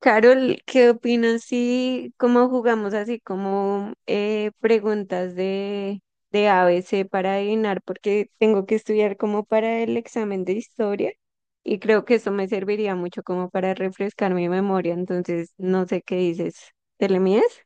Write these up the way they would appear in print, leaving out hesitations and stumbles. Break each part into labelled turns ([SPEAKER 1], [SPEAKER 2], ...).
[SPEAKER 1] Carol, ¿qué opinas si como jugamos así como preguntas de ABC para adivinar? Porque tengo que estudiar como para el examen de historia y creo que eso me serviría mucho como para refrescar mi memoria. Entonces, no sé qué dices. ¿Te le mides?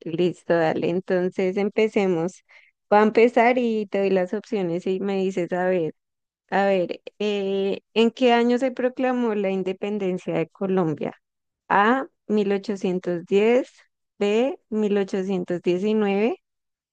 [SPEAKER 1] Listo, dale. Entonces, empecemos. Voy a empezar y te doy las opciones y me dices, a ver, ¿en qué año se proclamó la independencia de Colombia? A, 1810; B, 1819;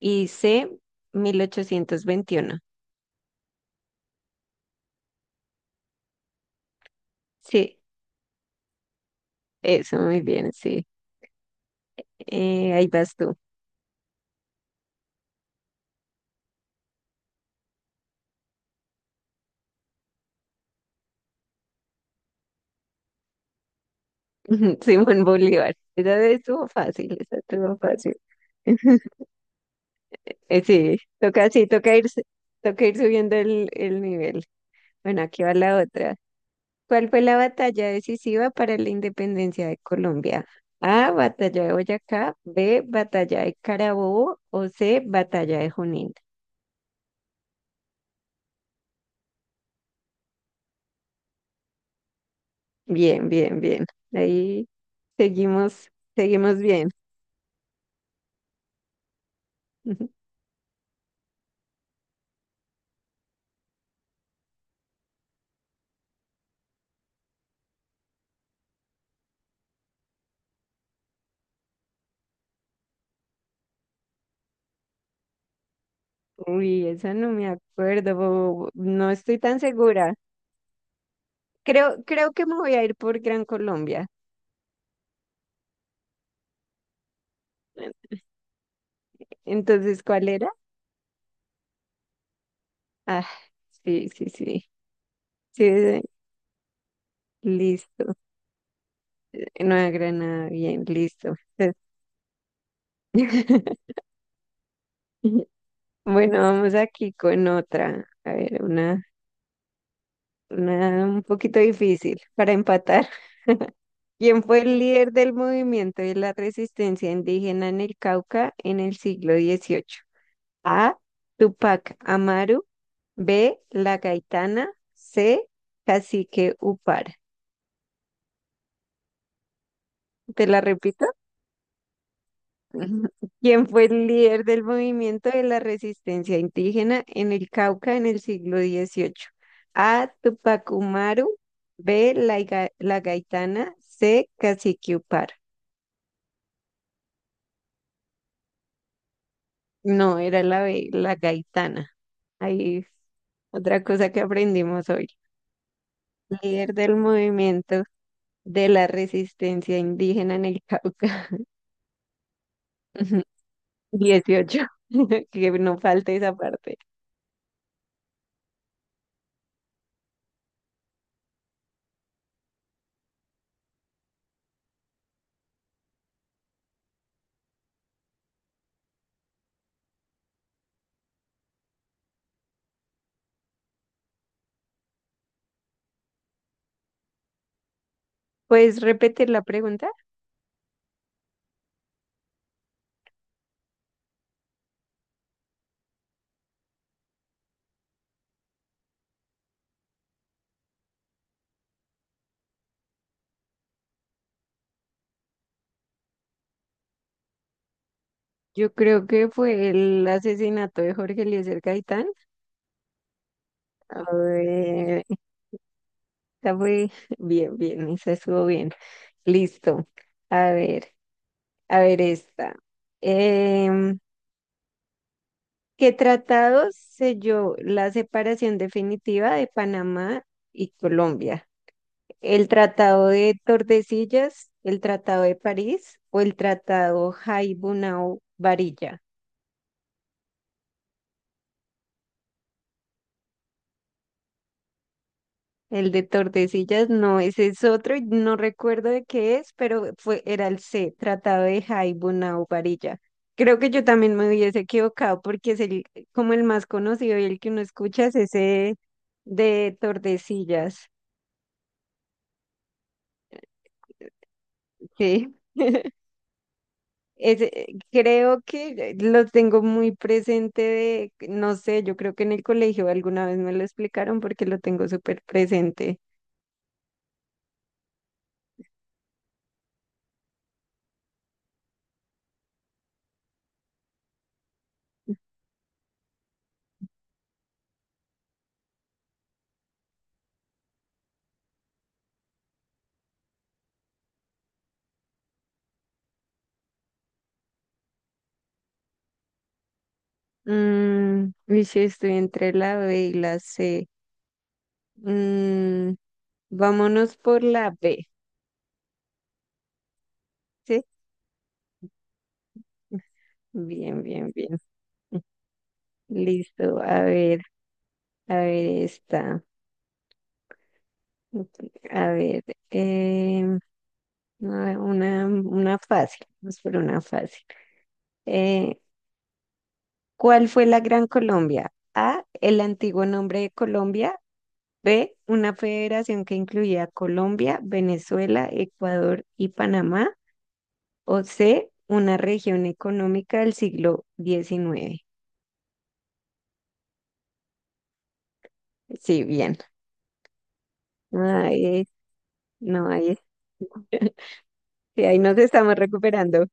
[SPEAKER 1] y C, 1821. Sí, eso, muy bien, sí. Ahí vas tú. Simón Bolívar. Esa estuvo fácil, esa estuvo fácil. Sí, sí, toca ir subiendo el nivel. Bueno, aquí va la otra. ¿Cuál fue la batalla decisiva para la independencia de Colombia? A, batalla de Boyacá; B, batalla de Carabobo; o C, batalla de Junín. Bien, bien, bien. Ahí seguimos, seguimos bien. Uy, esa no me acuerdo, no estoy tan segura. Creo que me voy a ir por Gran Colombia. Entonces, ¿cuál era? Ah, sí, sí, sí. Sí, listo. Nueva Granada, bien, listo. Bueno, vamos aquí con otra. A ver, una un poquito difícil para empatar. ¿Quién fue el líder del movimiento de la resistencia indígena en el Cauca en el siglo XVIII? A. Tupac Amaru. B. La Gaitana. C. Cacique Upar. ¿Te la repito? quien fue el líder del movimiento de la resistencia indígena en el Cauca en el siglo XVIII? A. Tupac Amaru. B. La Gaitana. C. Cacique Upar. No, era la B, la Gaitana. Ahí otra cosa que aprendimos hoy. Líder del movimiento de la resistencia indígena en el Cauca. Dieciocho. Que no falte esa parte. ¿Puedes repetir la pregunta? Yo creo que fue el asesinato de Jorge Eliezer Gaitán. A ver, esta fue bien, bien, esa estuvo bien. Listo. A ver, a ver esta. Em, ¿Qué tratado selló la separación definitiva de Panamá y Colombia? ¿El Tratado de Tordesillas, el Tratado de París o el Tratado Jaibunau-Varilla? El de Tordesillas no, ese es otro, y no recuerdo de qué es, pero era el C, Tratado de Jaibuna o Varilla. Creo que yo también me hubiese equivocado porque como el más conocido y el que uno escucha es ese de Tordesillas. Sí. Ese, creo que lo tengo muy presente no sé, yo creo que en el colegio alguna vez me lo explicaron porque lo tengo súper presente. Mm, uy, sí, estoy entre la B y la C. Mm, vámonos por la B, ¿sí? Bien, bien, bien. Listo. A ver esta. A ver, em, una fácil. Vamos por una fácil. Eh, ¿Cuál fue la Gran Colombia? A, el antiguo nombre de Colombia. B, una federación que incluía a Colombia, Venezuela, Ecuador y Panamá. O C, una región económica del siglo XIX. Sí, bien. Ay, no, sí, ahí nos estamos recuperando.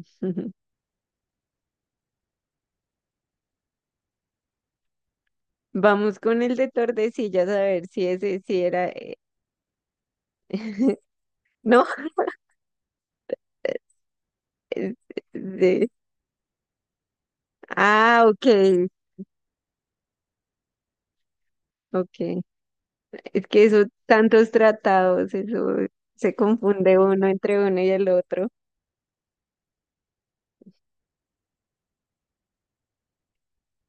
[SPEAKER 1] Vamos con el de Tordesillas a ver si ese sí era. No, es- de- ah, ok, ok. Es que esos tantos tratados, eso se confunde uno entre uno y el otro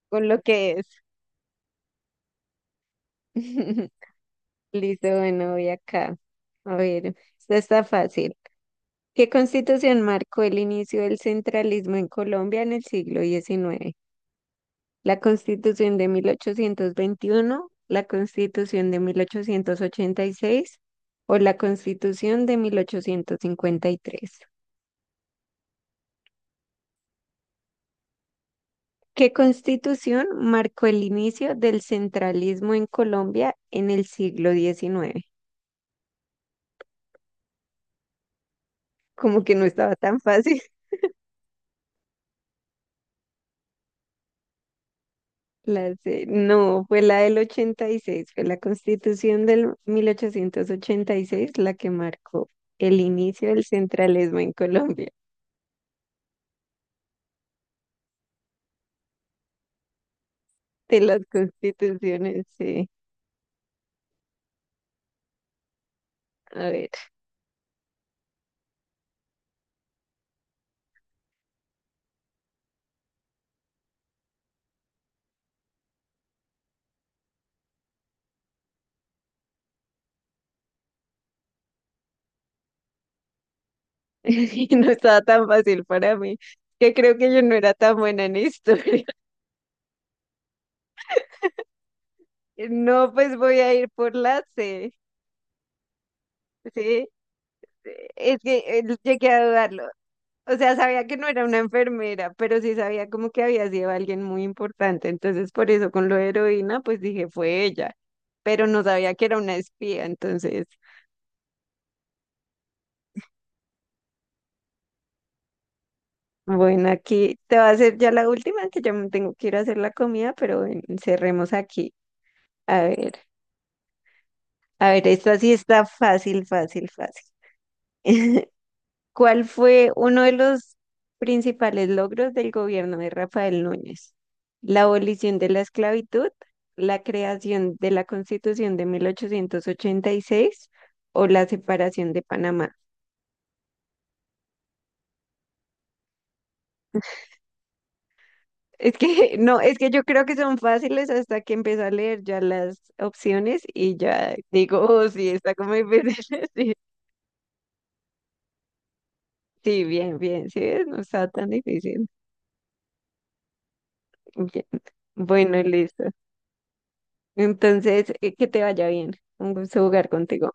[SPEAKER 1] con lo que es. Listo, bueno, voy acá. A ver, esta está fácil. ¿Qué constitución marcó el inicio del centralismo en Colombia en el siglo XIX? La Constitución de 1821, la Constitución de 1886 o la Constitución de 1853. ¿Qué constitución marcó el inicio del centralismo en Colombia en el siglo XIX? Como que no estaba tan fácil. No, fue la del 86. Fue la constitución del 1886 la que marcó el inicio del centralismo en Colombia. De las constituciones, sí. A ver, y no estaba tan fácil para mí, que creo que yo no era tan buena en historia. No, pues voy a ir por la C, ¿sí? Es que llegué a dudarlo. O sea, sabía que no era una enfermera, pero sí sabía como que había sido alguien muy importante. Entonces, por eso con lo de heroína, pues dije, fue ella, pero no sabía que era una espía. Entonces, bueno, aquí te va a hacer ya la última, que ya me tengo que ir a hacer la comida, pero bueno, cerremos aquí. A ver. A ver, esta sí está fácil, fácil, fácil. ¿Cuál fue uno de los principales logros del gobierno de Rafael Núñez? La abolición de la esclavitud, la creación de la Constitución de 1886 o la separación de Panamá. Es que no, es que yo creo que son fáciles hasta que empiezo a leer ya las opciones y ya digo, oh, sí, está como difícil. Sí, sí, bien, bien, sí, ves, no está tan difícil. Bien. Bueno, listo. Entonces, que te vaya bien. Un gusto jugar contigo.